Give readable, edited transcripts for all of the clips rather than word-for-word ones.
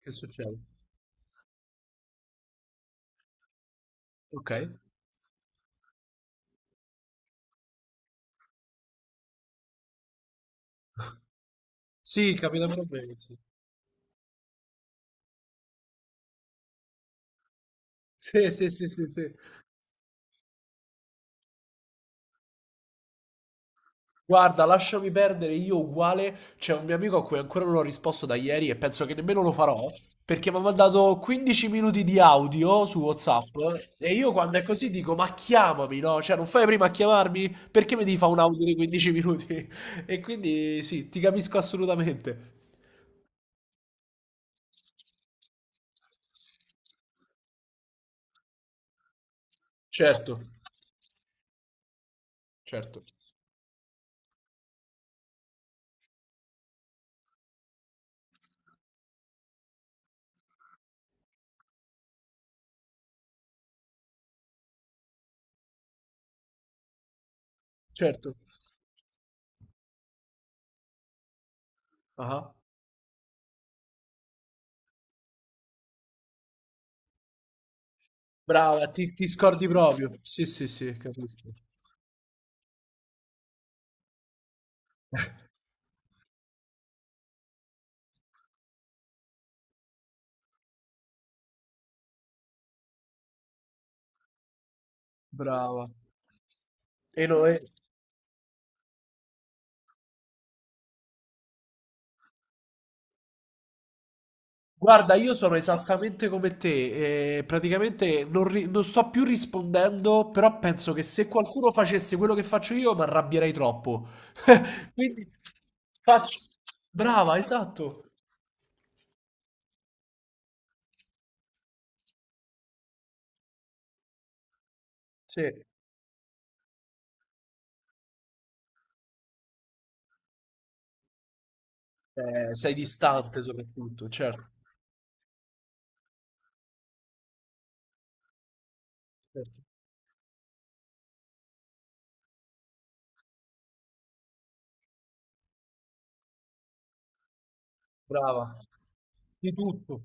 Che succede? Okay. Sì, capita proprio benissimo. Sì, sì, sì, sì, sì, sì. Guarda, lasciami perdere, io uguale, c'è un mio amico a cui ancora non ho risposto da ieri e penso che nemmeno lo farò, perché mi ha mandato 15 minuti di audio su WhatsApp e io quando è così dico, ma chiamami, no? Cioè, non fai prima a chiamarmi? Perché mi devi fare un audio di 15 minuti? E quindi sì, ti capisco assolutamente. Certo, certo, certo. Ah, brava, ti scordi proprio. Sì, sì, sì, capisco. Brava. E no, guarda, io sono esattamente come te, praticamente non, non sto più rispondendo, però penso che se qualcuno facesse quello che faccio io mi arrabbierei troppo. Quindi faccio... Brava, esatto. Sì. Sei distante soprattutto, certo. Certo. Brava. Di tutto.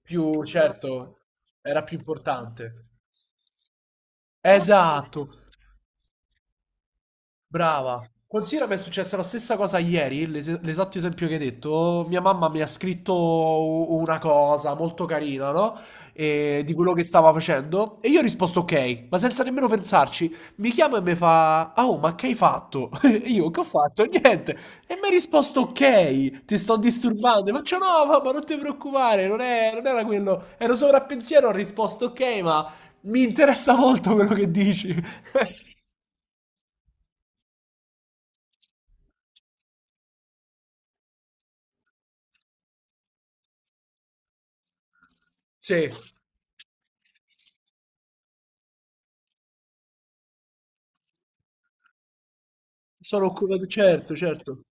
Più, certo, era più importante. Esatto. Brava. Considera che è successa la stessa cosa ieri, l'esatto esempio che hai detto. Mia mamma mi ha scritto una cosa molto carina, no? E di quello che stava facendo. E io ho risposto ok, ma senza nemmeno pensarci. Mi chiama e mi fa: "Ah, oh, ma che hai fatto? E io che ho fatto? Niente. E mi ha risposto ok, ti sto disturbando. E faccio no, mamma, non ti preoccupare, non, non era quello. Ero sopra a pensiero, ho risposto ok, ma mi interessa molto quello che dici. Sì. Sono occupato, certo, certo,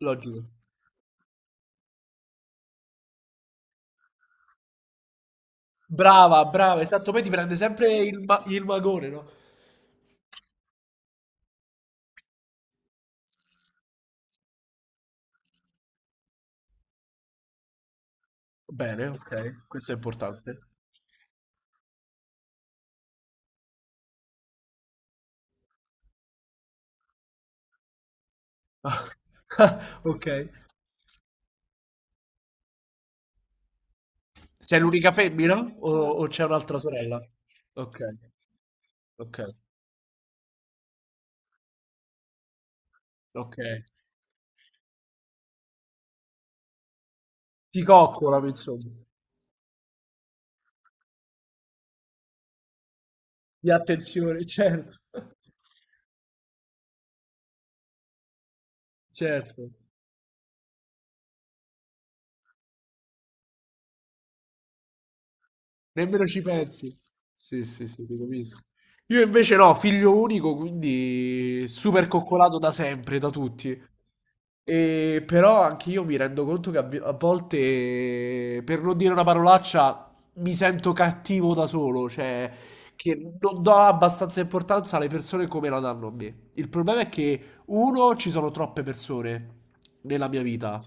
logico. Brava, brava, esatto, poi ti prende sempre il, il magone, no? Bene, ok, questo è importante. Ok. Sei l'unica femmina o c'è un'altra sorella? Ok, ok, ok. Ti coccolano, insomma. Di attenzione, certo. Certo. Nemmeno ci pensi. Sì, sì, sì, ti capisco. Io invece no, figlio unico, quindi super coccolato da sempre, da tutti. E però anche io mi rendo conto che a a volte, per non dire una parolaccia, mi sento cattivo da solo, cioè che non do abbastanza importanza alle persone come la danno a me. Il problema è che, uno, ci sono troppe persone nella mia vita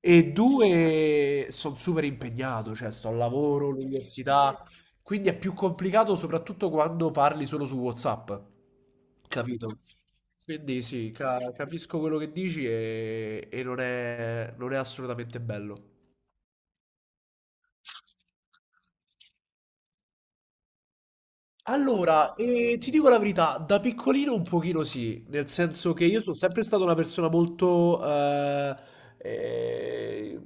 e due, sono super impegnato, cioè sto al lavoro, all'università, quindi è più complicato soprattutto quando parli solo su WhatsApp, capito? Quindi sì, capisco quello che dici e non è, non è assolutamente bello. Allora, ti dico la verità, da piccolino un pochino sì, nel senso che io sono sempre stata una persona molto eh,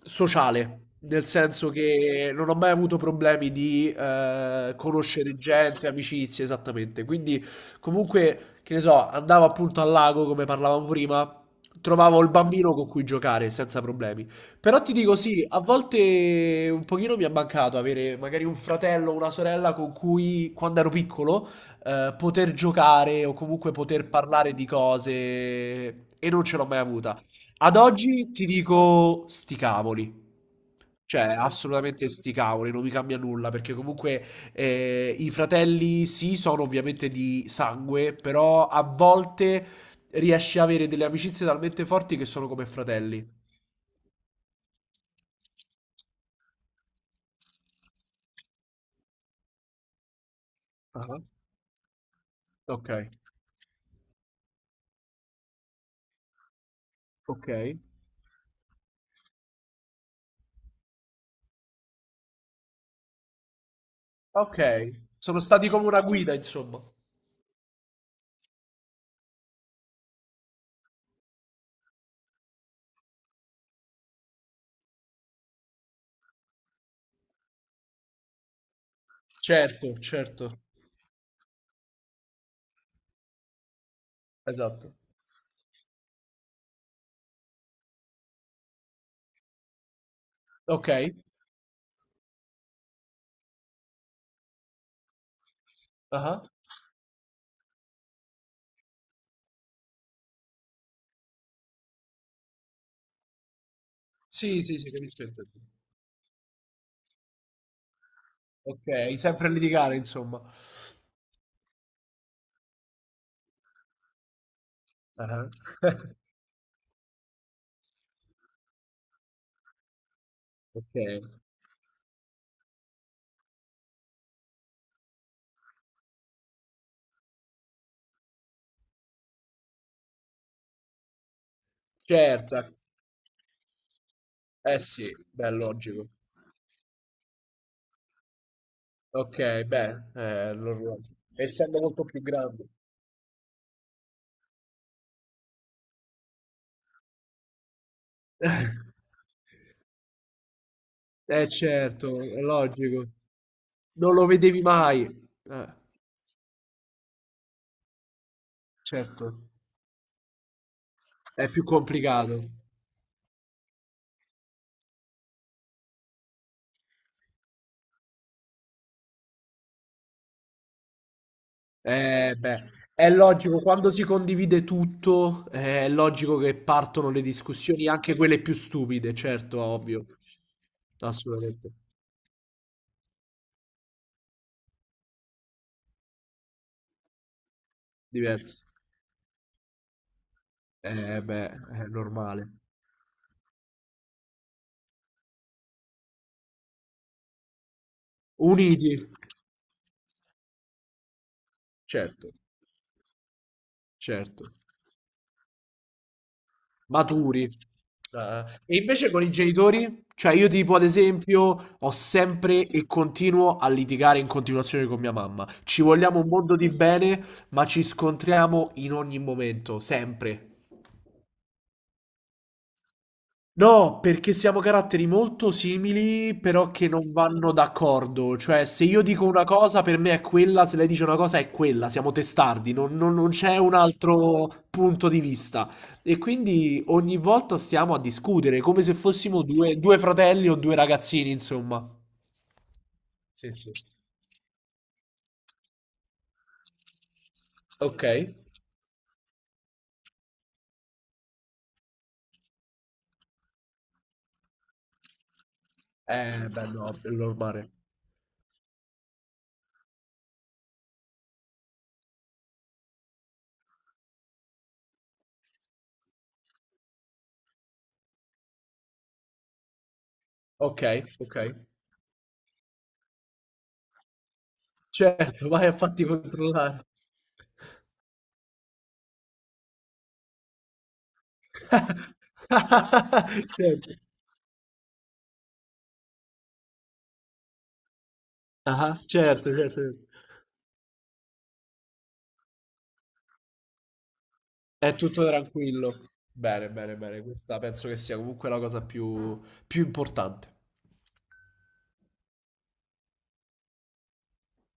sociale, nel senso che non ho mai avuto problemi di conoscere gente, amicizie, esattamente. Quindi comunque, che ne so, andavo appunto al lago, come parlavamo prima, trovavo il bambino con cui giocare senza problemi. Però ti dico sì, a volte un pochino mi è mancato avere magari un fratello o una sorella con cui quando ero piccolo poter giocare o comunque poter parlare di cose e non ce l'ho mai avuta. Ad oggi ti dico sti cavoli. Cioè, assolutamente sti cavoli, non mi cambia nulla, perché comunque i fratelli sì, sono ovviamente di sangue, però a volte riesci a avere delle amicizie talmente forti che sono come fratelli. Ah, ok. Ok. Ok, sono stati come una guida, insomma. Certo, certo, esatto. Ok. Ah-ah. Sì, sì, sì, capisco che intendi. Ok, sempre a litigare, insomma. Ah-ah. Ok, certo. Eh sì, beh, è logico. Ok, beh, l'orologio. Essendo molto più grande. Eh certo, è logico. Non lo vedevi mai. Eh, certo, è più complicato. Beh, è logico, quando si condivide tutto, è logico che partono le discussioni, anche quelle più stupide, certo, ovvio. Assolutamente, diverso. Beh, è normale. Uniti, certo, certo. Maturi. E invece con i genitori, cioè io tipo ad esempio ho sempre e continuo a litigare in continuazione con mia mamma. Ci vogliamo un mondo di bene, ma ci scontriamo in ogni momento, sempre. No, perché siamo caratteri molto simili, però che non vanno d'accordo. Cioè, se io dico una cosa, per me è quella, se lei dice una cosa è quella, siamo testardi, non, non c'è un altro punto di vista. E quindi ogni volta stiamo a discutere, come se fossimo due fratelli o due ragazzini, insomma. Sì, sì. Ok. Beh, no, è normale. Ok, ok. Certo, vai a fatti controllare. Certo. Ah-ah, certo, certo, certo. È tutto tranquillo. Bene, bene, bene. Questa penso che sia comunque la cosa più, più importante.